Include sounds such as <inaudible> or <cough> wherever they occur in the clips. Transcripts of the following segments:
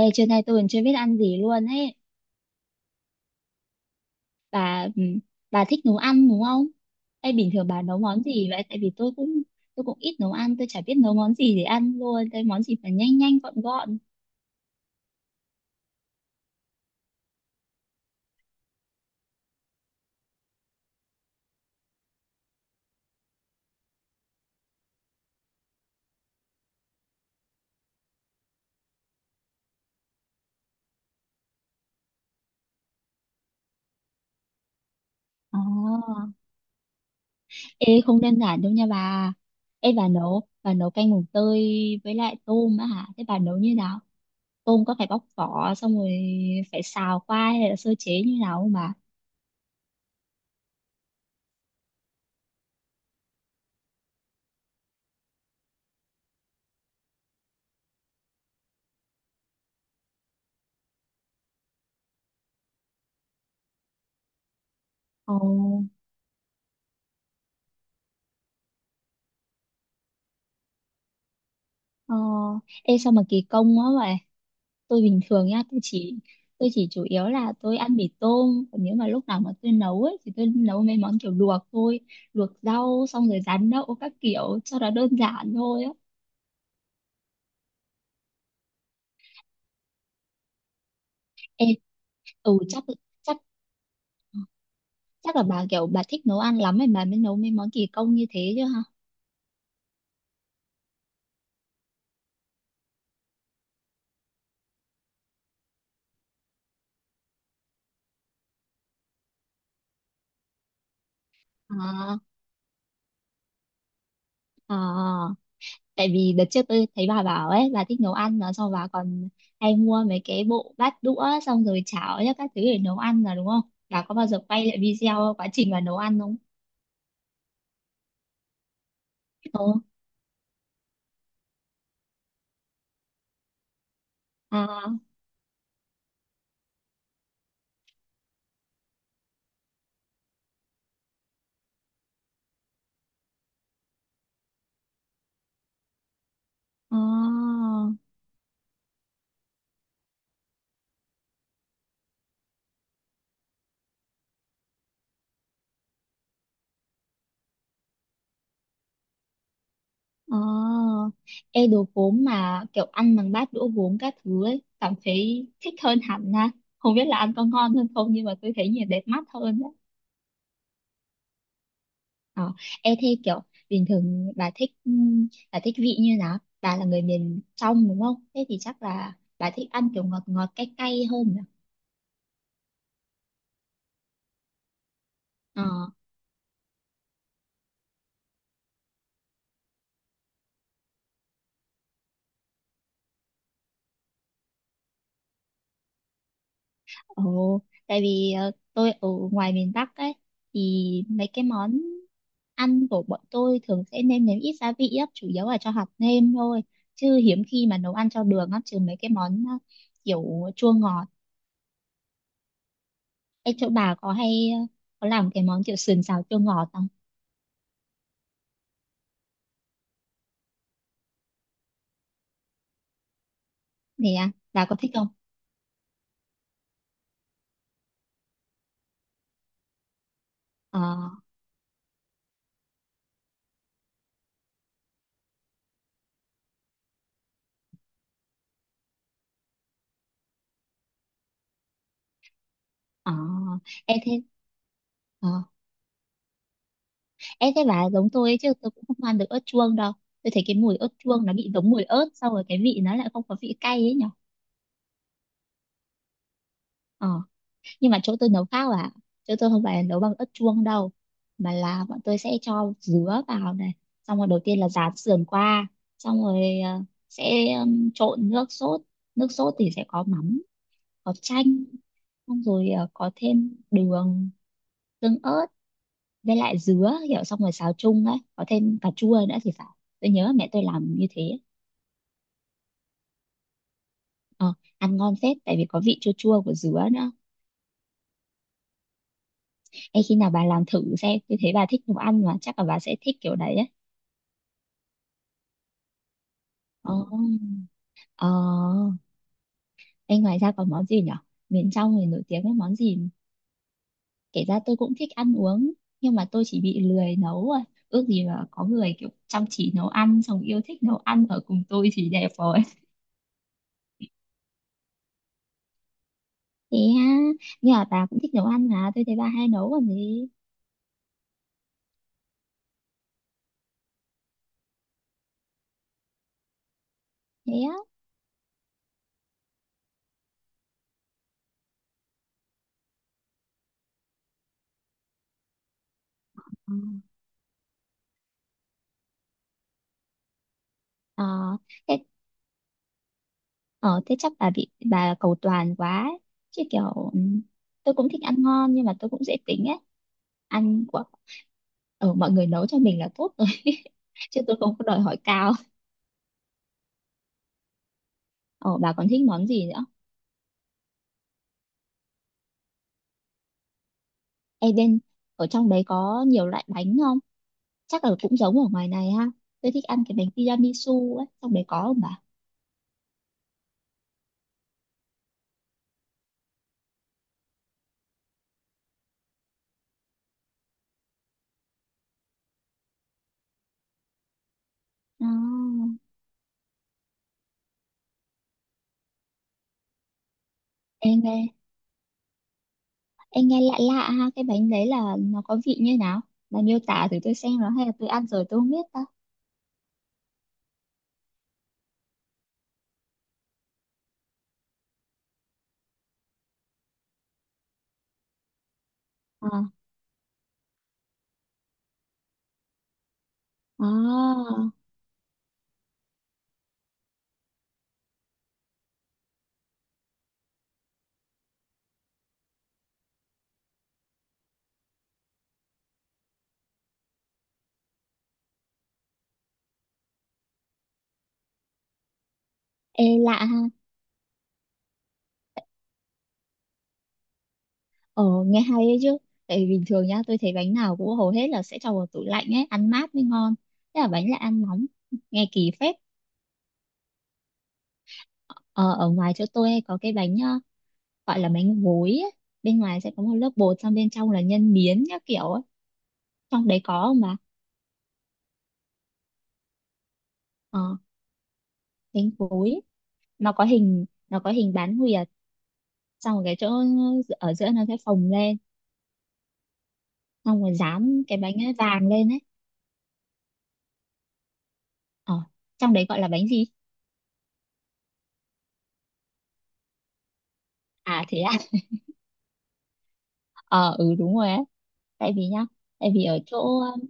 Ê, trưa nay tôi còn chưa biết ăn gì luôn ấy. Bà ừ, bà thích nấu ăn đúng không? Ê, bình thường bà nấu món gì vậy? Tại vì tôi cũng ít nấu ăn, tôi chả biết nấu món gì để ăn luôn. Cái món gì phải nhanh nhanh gọn gọn. Ồ. Ê, không đơn giản đâu nha bà. Ê, bà nấu canh mùng tơi với lại tôm á hả? Thế bà nấu như nào? Tôm có phải bóc vỏ xong rồi phải xào qua hay là sơ chế như nào không bà? Ồ. Ờ, ê sao mà kỳ công quá vậy? Tôi bình thường nha tôi chỉ chủ yếu là tôi ăn mì tôm, còn nếu mà lúc nào mà tôi nấu ấy thì tôi nấu mấy món kiểu luộc thôi, luộc rau xong rồi rán đậu các kiểu cho nó đơn giản thôi á. Ê, ừ, chắc chắc chắc là bà kiểu bà thích nấu ăn lắm ấy bà mới nấu mấy món kỳ công như thế chứ hả? À, à, tại vì đợt trước tôi thấy bà bảo ấy bà thích nấu ăn mà xong bà còn hay mua mấy cái bộ bát đũa xong rồi chảo ấy, các thứ để nấu ăn là đúng không? Bà có bao giờ quay lại video quá trình bà nấu ăn không? Ờ. À, à, à. Ê, đồ gốm mà kiểu ăn bằng bát đũa gốm các thứ ấy cảm thấy thích hơn hẳn ha, không biết là ăn có ngon hơn không nhưng mà tôi thấy nhìn đẹp mắt hơn. Ờ, ê thế kiểu bình thường bà thích vị như nào? Bà là người miền trong đúng không? Thế thì chắc là bà thích ăn kiểu ngọt ngọt cay cay hơn nhỉ? Ờ. Ồ, tại vì tôi ở ngoài miền Bắc ấy thì mấy cái món ăn của bọn tôi thường sẽ nêm nếm ít gia vị á, chủ yếu là cho hạt nêm thôi, chứ hiếm khi mà nấu ăn cho đường á, trừ mấy cái món kiểu chua ngọt. Ê, chỗ bà có hay có làm cái món kiểu sườn xào chua ngọt không? Thì bà có thích không? Ờ. Ờ, em thế ờ, em thế bà giống tôi ấy, chứ tôi cũng không ăn được ớt chuông đâu. Tôi thấy cái mùi ớt chuông nó bị giống mùi ớt, xong rồi cái vị nó lại không có vị cay ấy nhở. Ờ, nhưng mà chỗ tôi nấu khác à, chỗ tôi không phải là nấu bằng ớt chuông đâu, mà là bọn tôi sẽ cho dứa vào này, xong rồi đầu tiên là rán sườn qua, xong rồi sẽ trộn nước sốt thì sẽ có mắm, có chanh, xong rồi có thêm đường, tương ớt, với lại dứa kiểu xong rồi xào chung ấy có thêm cà chua nữa thì phải, tôi nhớ mẹ tôi làm như thế. Ờ, Ăn ngon phết tại vì có vị chua chua của dứa nữa. Ê, khi nào bà làm thử xem, tôi thấy bà thích nấu ăn mà chắc là bà sẽ thích kiểu đấy ấy. Ờ, ờ. Ê, ngoài ra còn món gì nhở, miền trong thì nổi tiếng với món gì? Kể ra tôi cũng thích ăn uống nhưng mà tôi chỉ bị lười nấu rồi, ước gì mà có người kiểu chăm chỉ nấu ăn xong yêu thích nấu ăn ở cùng tôi thì đẹp rồi. Thế ha, nhưng mà bà cũng thích nấu ăn mà tôi thấy bà hay nấu còn gì. Thế á? Ừ. ờ thế ờ thế chắc bà bị cầu toàn quá ấy. Chứ kiểu tôi cũng thích ăn ngon nhưng mà tôi cũng dễ tính ấy, ăn của mọi người nấu cho mình là tốt rồi <laughs> chứ tôi không có đòi hỏi cao. Ờ bà còn thích món gì nữa? Ê, bên ở trong đấy có nhiều loại bánh không? Chắc là cũng giống ở ngoài này ha. Tôi thích ăn cái bánh tiramisu ấy, trong đấy có không bà? À, em nghe Em nghe lạ lạ ha, cái bánh đấy là nó có vị như nào? Bà miêu tả thử tôi xem, nó hay là tôi ăn rồi tôi không biết ta. À, à, ê lạ ha. Ờ, nghe hay đấy chứ. Tại vì bình thường nhá, tôi thấy bánh nào cũng hầu hết là sẽ cho vào tủ lạnh ấy, ăn mát mới ngon. Thế là bánh lại ăn nóng, nghe kỳ phết. Ờ, ở ngoài chỗ tôi hay có cái bánh gọi là bánh gối ấy. Bên ngoài sẽ có một lớp bột, xong bên trong là nhân miến các kiểu ấy. Trong đấy có mà. Ờ, bánh gối. Nó có hình bán nguyệt, xong rồi cái chỗ ở giữa nó sẽ phồng lên, xong rồi dán cái bánh ấy vàng lên ấy. ờ Trong đấy gọi là bánh gì? À, thế à? <laughs> Ờ ừ, đúng rồi ấy, tại vì nhá, tại vì ở chỗ um,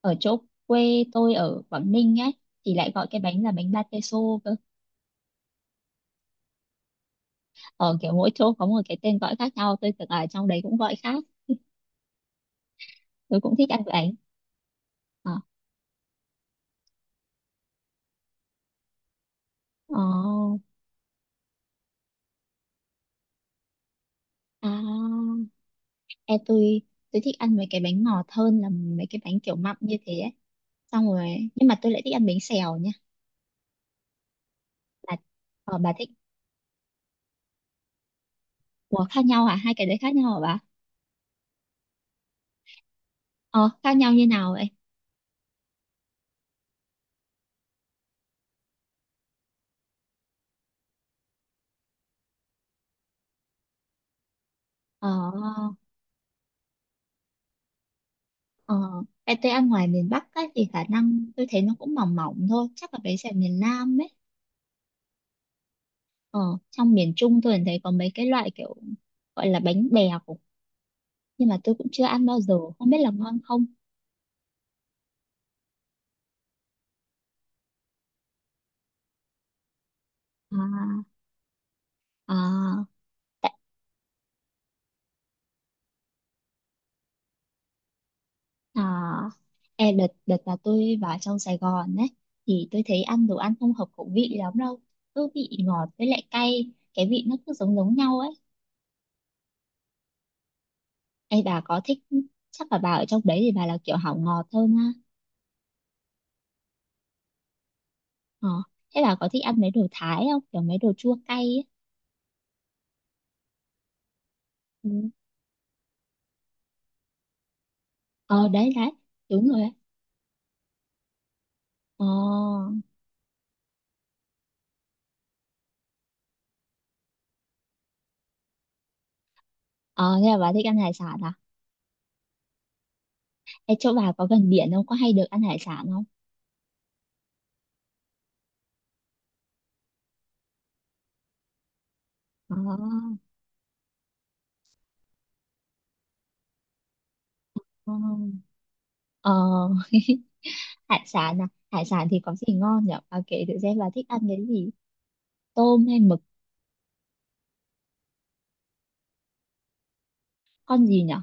ở chỗ quê tôi ở Quảng Ninh ấy, thì lại gọi cái bánh là bánh ba tê xô cơ, ở kiểu mỗi chỗ có một cái tên gọi khác nhau, tôi tưởng ở trong đấy cũng gọi khác. Tôi cũng thích ăn bánh. Ờ ờ à e tôi tôi thích ăn mấy cái bánh ngọt hơn là mấy cái bánh kiểu mặn như thế ấy, xong rồi nhưng mà tôi lại thích ăn bánh xèo nhá. Bà, bà thích. Ủa, khác nhau hả? Hai cái đấy khác nhau hả bà? Ờ, khác nhau như nào vậy? Ờ, ờ, cái tôi ăn ngoài miền Bắc ấy, thì khả năng tôi thấy nó cũng mỏng mỏng thôi, chắc là bánh xèo miền Nam ấy. Ờ, trong miền Trung tôi thấy có mấy cái loại kiểu gọi là bánh bèo, nhưng mà tôi cũng chưa ăn bao giờ, không biết là ngon không? À, à, à, e đợt đợt là tôi vào trong Sài Gòn ấy thì tôi thấy ăn đồ ăn không hợp khẩu vị lắm đâu, cứ vị ngọt với lại cay, cái vị nó cứ giống giống nhau ấy. Ê bà có thích Chắc là bà ở trong đấy thì bà là kiểu hảo ngọt hơn ha. Ờ, thế bà có thích ăn mấy đồ Thái không? Kiểu mấy đồ chua cay ấy. Ừ. Ờ, đấy đấy, đúng rồi ấy. Ờ. Ờ, thế là bà thích ăn hải sản à? Ê, chỗ bà có gần biển không? Có hay được ăn hải sản không? Ờ. Ờ. Ờ. <laughs> Hải sản à, hải sản thì có gì ngon nhỉ? Kể thử xem là thích ăn cái gì, tôm hay mực? Con gì nhỉ?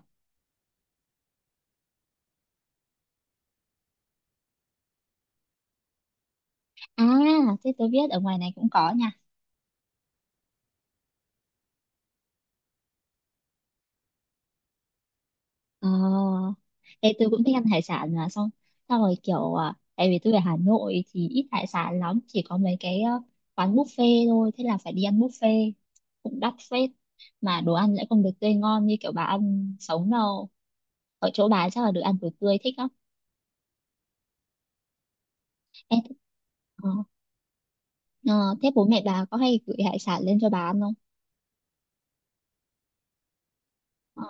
À, thế tôi biết ở ngoài này cũng có nha. ờ Thế tôi cũng thích ăn hải sản mà xong, xong rồi kiểu tại vì tôi ở Hà Nội thì ít hải sản lắm, chỉ có mấy cái quán buffet thôi, thế là phải đi ăn buffet cũng đắt phết, mà đồ ăn lại không được tươi ngon như kiểu bà ăn sống đâu, ở chỗ bà chắc là được ăn đồ tươi thích lắm. Em- Ờ, ờ, thế bố mẹ bà có hay gửi hải sản lên cho bà ăn không? Ờ.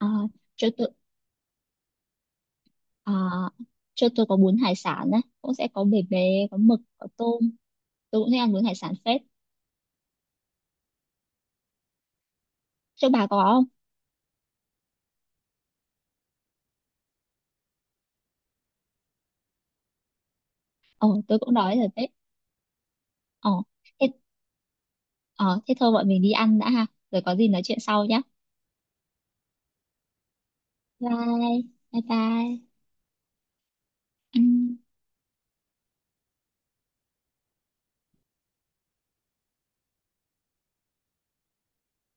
À, cho tôi à, cho tôi có bún hải sản đấy cũng sẽ có bể bề, có mực, có tôm, tôi cũng thích ăn bún hải sản phết, cho bà có không? Ờ tôi cũng đói rồi phết. Ờ thế, ờ, thế thôi bọn mình đi ăn đã ha, rồi có gì nói chuyện sau nhé. Bye bye. Bye bye. Ừm.